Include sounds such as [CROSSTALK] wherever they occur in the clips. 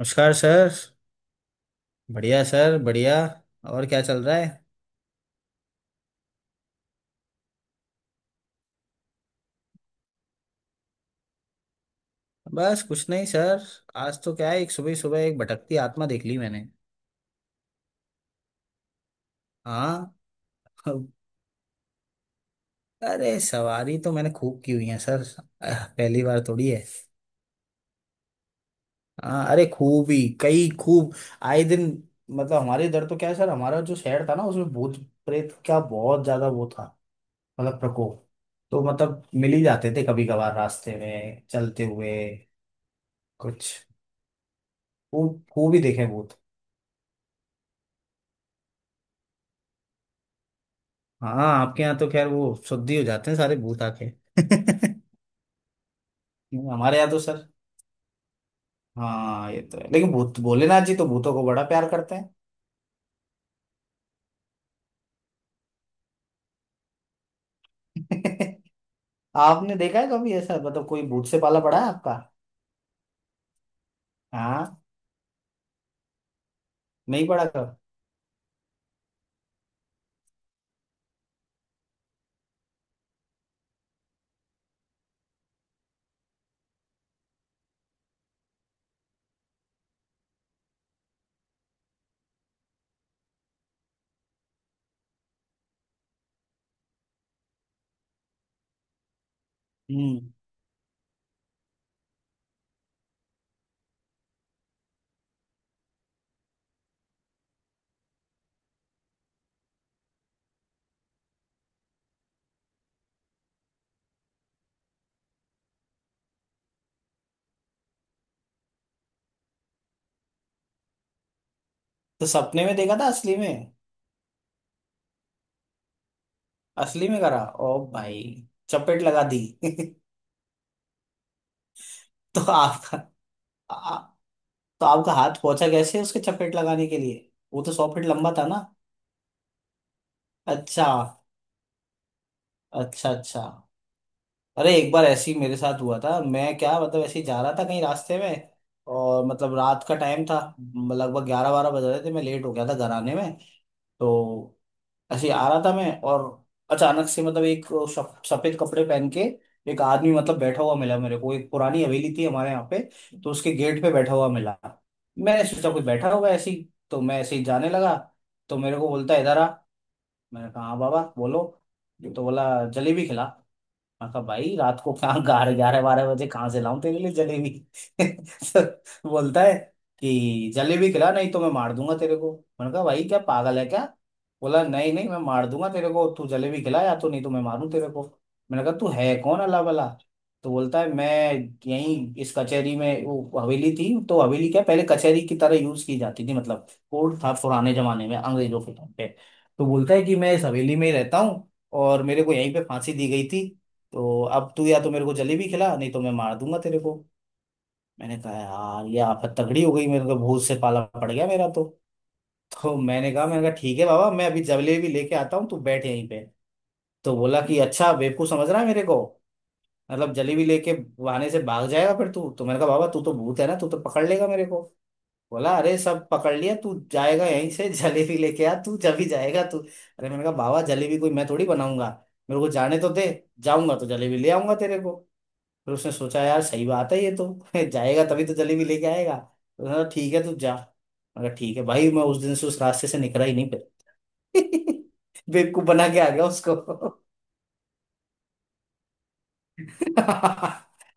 नमस्कार सर। बढ़िया सर, बढ़िया। और क्या चल रहा है? बस कुछ नहीं सर। आज तो क्या है, एक सुबह सुबह एक भटकती आत्मा देख ली मैंने। हाँ। [LAUGHS] अरे सवारी तो मैंने खूब की हुई है सर। पहली बार थोड़ी है। हाँ, अरे खूब ही, कई खूब। आए दिन। मतलब हमारे इधर तो क्या है सर, हमारा जो शहर था ना उसमें भूत प्रेत का बहुत ज्यादा वो था। मतलब प्रकोप। तो मतलब मिल ही जाते थे कभी कभार रास्ते में चलते हुए कुछ। खूब खूब ही देखे भूत। हाँ, आपके यहाँ तो खैर वो शुद्धि हो जाते हैं सारे भूत आके। [LAUGHS] हमारे यहाँ तो सर, हाँ ये तो है, लेकिन भूत भोलेनाथ जी तो भूतों को बड़ा प्यार करते हैं। [LAUGHS] आपने देखा है कभी ऐसा, मतलब कोई भूत से पाला पड़ा है आपका? हाँ। नहीं पड़ा कभी? हम्म। तो सपने में देखा था? असली में? असली में करा ओ भाई, चपेट लगा दी। [LAUGHS] तो आपका आ, तो आपका हाथ पहुंचा कैसे उसके, चपेट लगाने के लिए वो तो 100 फीट लंबा था ना? अच्छा। अच्छा अच्छा। अरे एक बार ऐसे ही मेरे साथ हुआ था। मैं क्या, मतलब ऐसे ही जा रहा था कहीं रास्ते में, और मतलब रात का टाइम था, लगभग ग्यारह बारह बज रहे थे, मैं लेट हो गया था घर आने में। तो ऐसे ही आ रहा था मैं, और अचानक से मतलब एक सफेद कपड़े पहन के एक आदमी मतलब बैठा हुआ मिला मेरे को। एक पुरानी हवेली थी हमारे यहाँ पे, तो उसके गेट पे बैठा हुआ मिला। मैंने सोचा कोई बैठा होगा ऐसे ही, तो मैं ऐसे ही जाने लगा। तो मेरे को बोलता है, इधर आ। मैंने कहा हाँ बाबा बोलो। ये तो बोला, जलेबी खिला। मैं कहा भाई रात को कहाँ ग्यारह [LAUGHS] ग्यारह बारह बजे कहाँ से लाऊं तेरे लिए जलेबी। [LAUGHS] तो बोलता है कि जलेबी खिला नहीं तो मैं मार दूंगा तेरे को। मैंने कहा भाई क्या पागल है क्या। बोला नहीं नहीं, मैं मार दूंगा तेरे को, तू जलेबी खिला या तो नहीं तो मैं मारूं तेरे को। मैंने कहा तू है कौन अल्लाह भला। तो बोलता है मैं यहीं इस कचहरी में, वो हवेली थी, तो हवेली क्या पहले कचहरी की तरह यूज की जाती थी, मतलब कोर्ट था पुराने जमाने में अंग्रेजों के टाइम पे। तो बोलता है कि मैं इस हवेली में ही रहता हूँ, और मेरे को यहीं पे फांसी दी गई थी। तो अब तू या तो मेरे को जलेबी खिला नहीं तो मैं मार दूंगा तेरे को। मैंने कहा यार ये आफत तगड़ी हो गई, मेरे को भूत से पाला पड़ गया मेरा तो। तो मैंने कहा ठीक है बाबा मैं अभी जलेबी लेके आता हूँ, तू बैठ यहीं पे। तो बोला कि अच्छा बेवकूफ समझ रहा है मेरे को, मतलब जलेबी लेके बहाने से भाग जाएगा फिर तू। तो मैंने कहा बाबा तू तो भूत है ना, तू तो पकड़ लेगा मेरे को। बोला अरे सब पकड़ लिया, तू जाएगा यहीं से। [LAUGHS] जलेबी लेके आ, तू जब ही जाएगा तू। अरे मैंने कहा बाबा जलेबी कोई मैं थोड़ी बनाऊंगा, मेरे को जाने तो दे, जाऊंगा तो जलेबी ले आऊंगा तेरे को। फिर उसने सोचा यार सही बात है ये तो, [LAUGHS] जाएगा तभी तो जलेबी लेके आएगा। तो उसने कहा ठीक है तू जा। मैं कहा ठीक है भाई। मैं उस दिन से उस रास्ते से निकला ही नहीं फिर। [LAUGHS] बेवकूफ बना के आ गया उसको। [LAUGHS]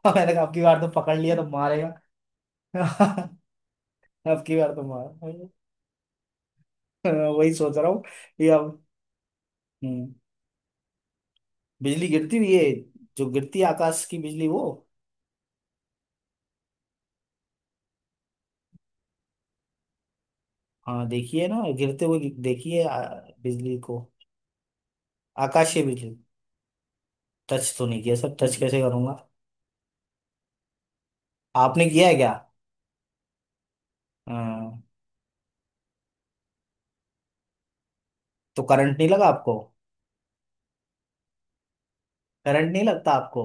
और मैंने कहा अब की बार तो पकड़ लिया तो मारेगा। [LAUGHS] अब की बार तो मार। [LAUGHS] वही सोच रहा हूँ कि अब। हम्म, बिजली गिरती हुई है? जो गिरती है आकाश की बिजली वो। हाँ देखिए ना गिरते हुए देखिए बिजली को, आकाशीय बिजली। टच तो नहीं किया सर, टच कैसे करूंगा? आपने किया है क्या? हाँ। तो करंट नहीं लगा आपको? करंट नहीं लगता आपको?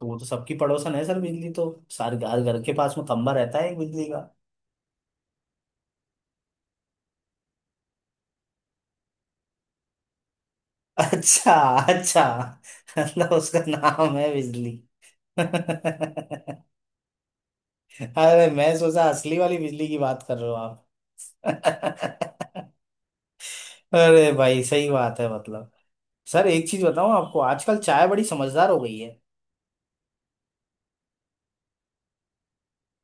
तो वो तो सबकी पड़ोसन है सर, बिजली तो सारे घर घर के पास में खंबा रहता है एक बिजली का। अच्छा। अच्छा। मतलब उसका नाम है बिजली। [LAUGHS] अरे, मैं सोचा असली वाली बिजली की बात कर रहे हो आप। [LAUGHS] अरे भाई सही बात है। मतलब सर एक चीज बताऊं आपको, आजकल चाय बड़ी समझदार हो गई है।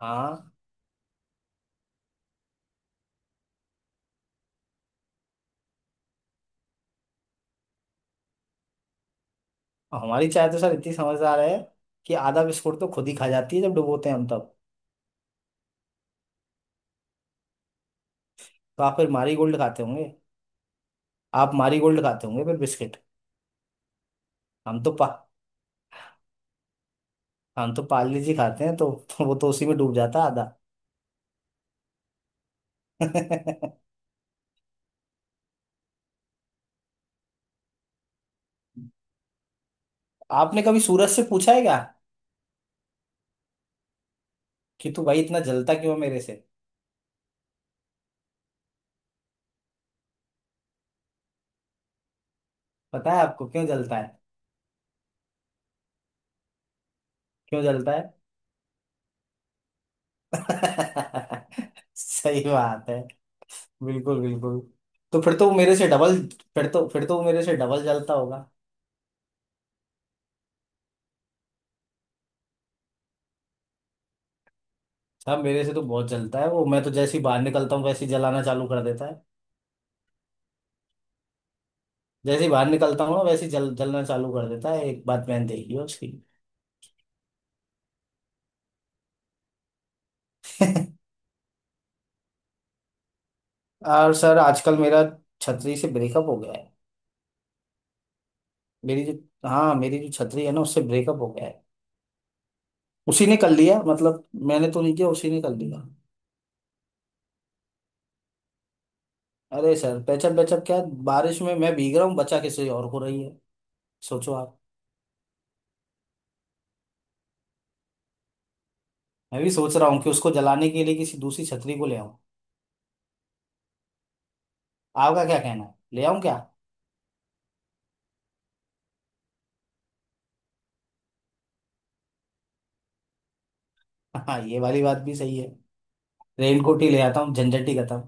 हाँ। हमारी चाय तो सर इतनी समझदार है कि आधा बिस्कुट तो खुद ही खा जाती है जब डुबोते हैं हम। तो आप फिर मारी गोल्ड खाते होंगे। आप मारी गोल्ड खाते होंगे फिर बिस्किट। हम तो पा हम तो पार्ले जी खाते हैं, [LAUGHS] तो वो तो उसी में डूब जाता है आधा। [LAUGHS] आपने कभी सूरज से पूछा है क्या, कि तू भाई इतना जलता क्यों है मेरे से? पता है आपको क्यों जलता है? क्यों जलता है? [LAUGHS] सही बात है। बिल्कुल बिल्कुल। तो फिर तो वो मेरे से डबल, फिर तो वो मेरे से डबल जलता होगा। साहब मेरे से तो बहुत जलता है वो, मैं तो जैसे ही बाहर निकलता हूँ वैसे ही जलाना चालू कर देता है। जैसे ही बाहर निकलता हूँ ना वैसे ही जल जलना चालू कर देता है, एक बात मैंने देखी है उसकी। [LAUGHS] और सर आजकल मेरा छतरी से ब्रेकअप हो गया है। मेरी जो, हाँ मेरी जो छतरी है ना उससे ब्रेकअप हो गया है। उसी ने कर लिया मतलब, मैंने तो नहीं किया, उसी ने कर लिया। अरे सर पेचअप पेचअप क्या, बारिश में मैं भीग रहा हूँ, बचा किसी और को रही है। सोचो आप। मैं भी सोच रहा हूँ कि उसको जलाने के लिए किसी दूसरी छतरी को ले आऊं। आपका क्या कहना है, ले आऊं क्या? [LAUGHS] हाँ ये वाली बात भी सही है। रेनकोट ही ले आता हूँ, झंझट ही खत्म।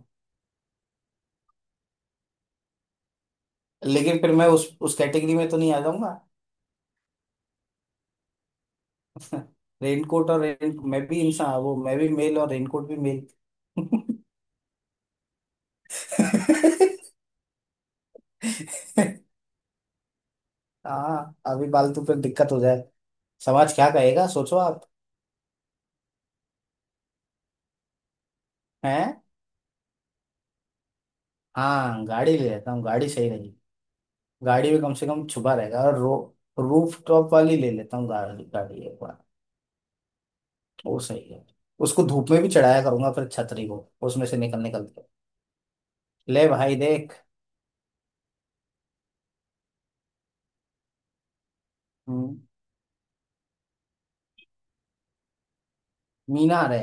लेकिन फिर मैं उस कैटेगरी में तो नहीं आ जाऊंगा? रेनकोट और रेन, मैं भी इंसान, वो मैं भी मेल और रेनकोट भी मेल। [LAUGHS] हाँ अभी फालतू पे दिक्कत हो जाए। समाज क्या कहेगा, सोचो आप। हैं? हाँ गाड़ी ले लेता हूँ, गाड़ी सही रहेगी। गाड़ी में कम से कम छुपा रहेगा। और रो, रूफ टॉप वाली ले लेता हूँ गाड़ी, एक बार। वो सही है। उसको धूप में भी चढ़ाया करूंगा फिर छतरी को, उसमें से निकल निकल के। ले भाई देख। हम्म, मीनार है?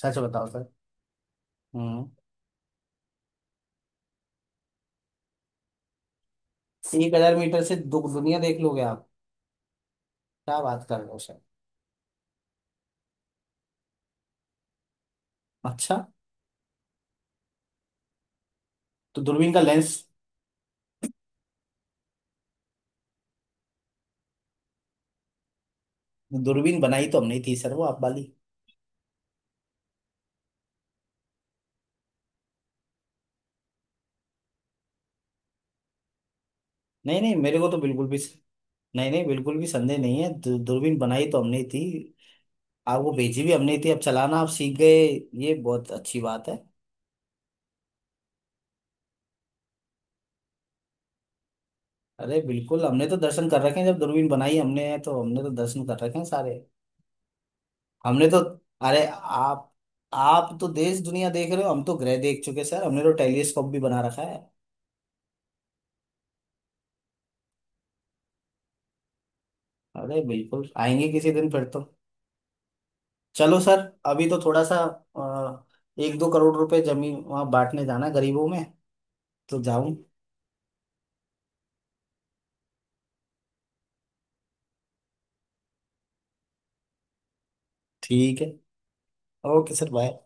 सच बताओ सर। हम्म। 1,000 मीटर से दुनिया देख लोगे आप? क्या बात कर रहे हो सर। अच्छा। तो दूरबीन का लेंस, दूरबीन बनाई तो हमने ही थी सर वो, आप वाली। नहीं नहीं मेरे को तो बिल्कुल भी, नहीं नहीं बिल्कुल भी संदेह नहीं है। दूरबीन बनाई तो हमने ही थी, आप वो भेजी भी हमने ही थी, अब चलाना आप सीख गए, ये बहुत अच्छी बात है। अरे बिल्कुल, हमने तो दर्शन कर रखे हैं, जब दूरबीन बनाई हमने है तो हमने तो दर्शन कर रखे हैं सारे। हमने तो, अरे आप तो देश दुनिया देख रहे हो, हम तो ग्रह देख चुके सर, हमने तो टेलीस्कोप भी बना रखा है। अरे बिल्कुल आएंगे किसी दिन फिर तो। चलो सर, अभी तो थोड़ा सा एक दो करोड़ रुपए जमीन वहाँ बांटने जाना गरीबों में, तो जाऊं? ठीक है। Okay sir bye.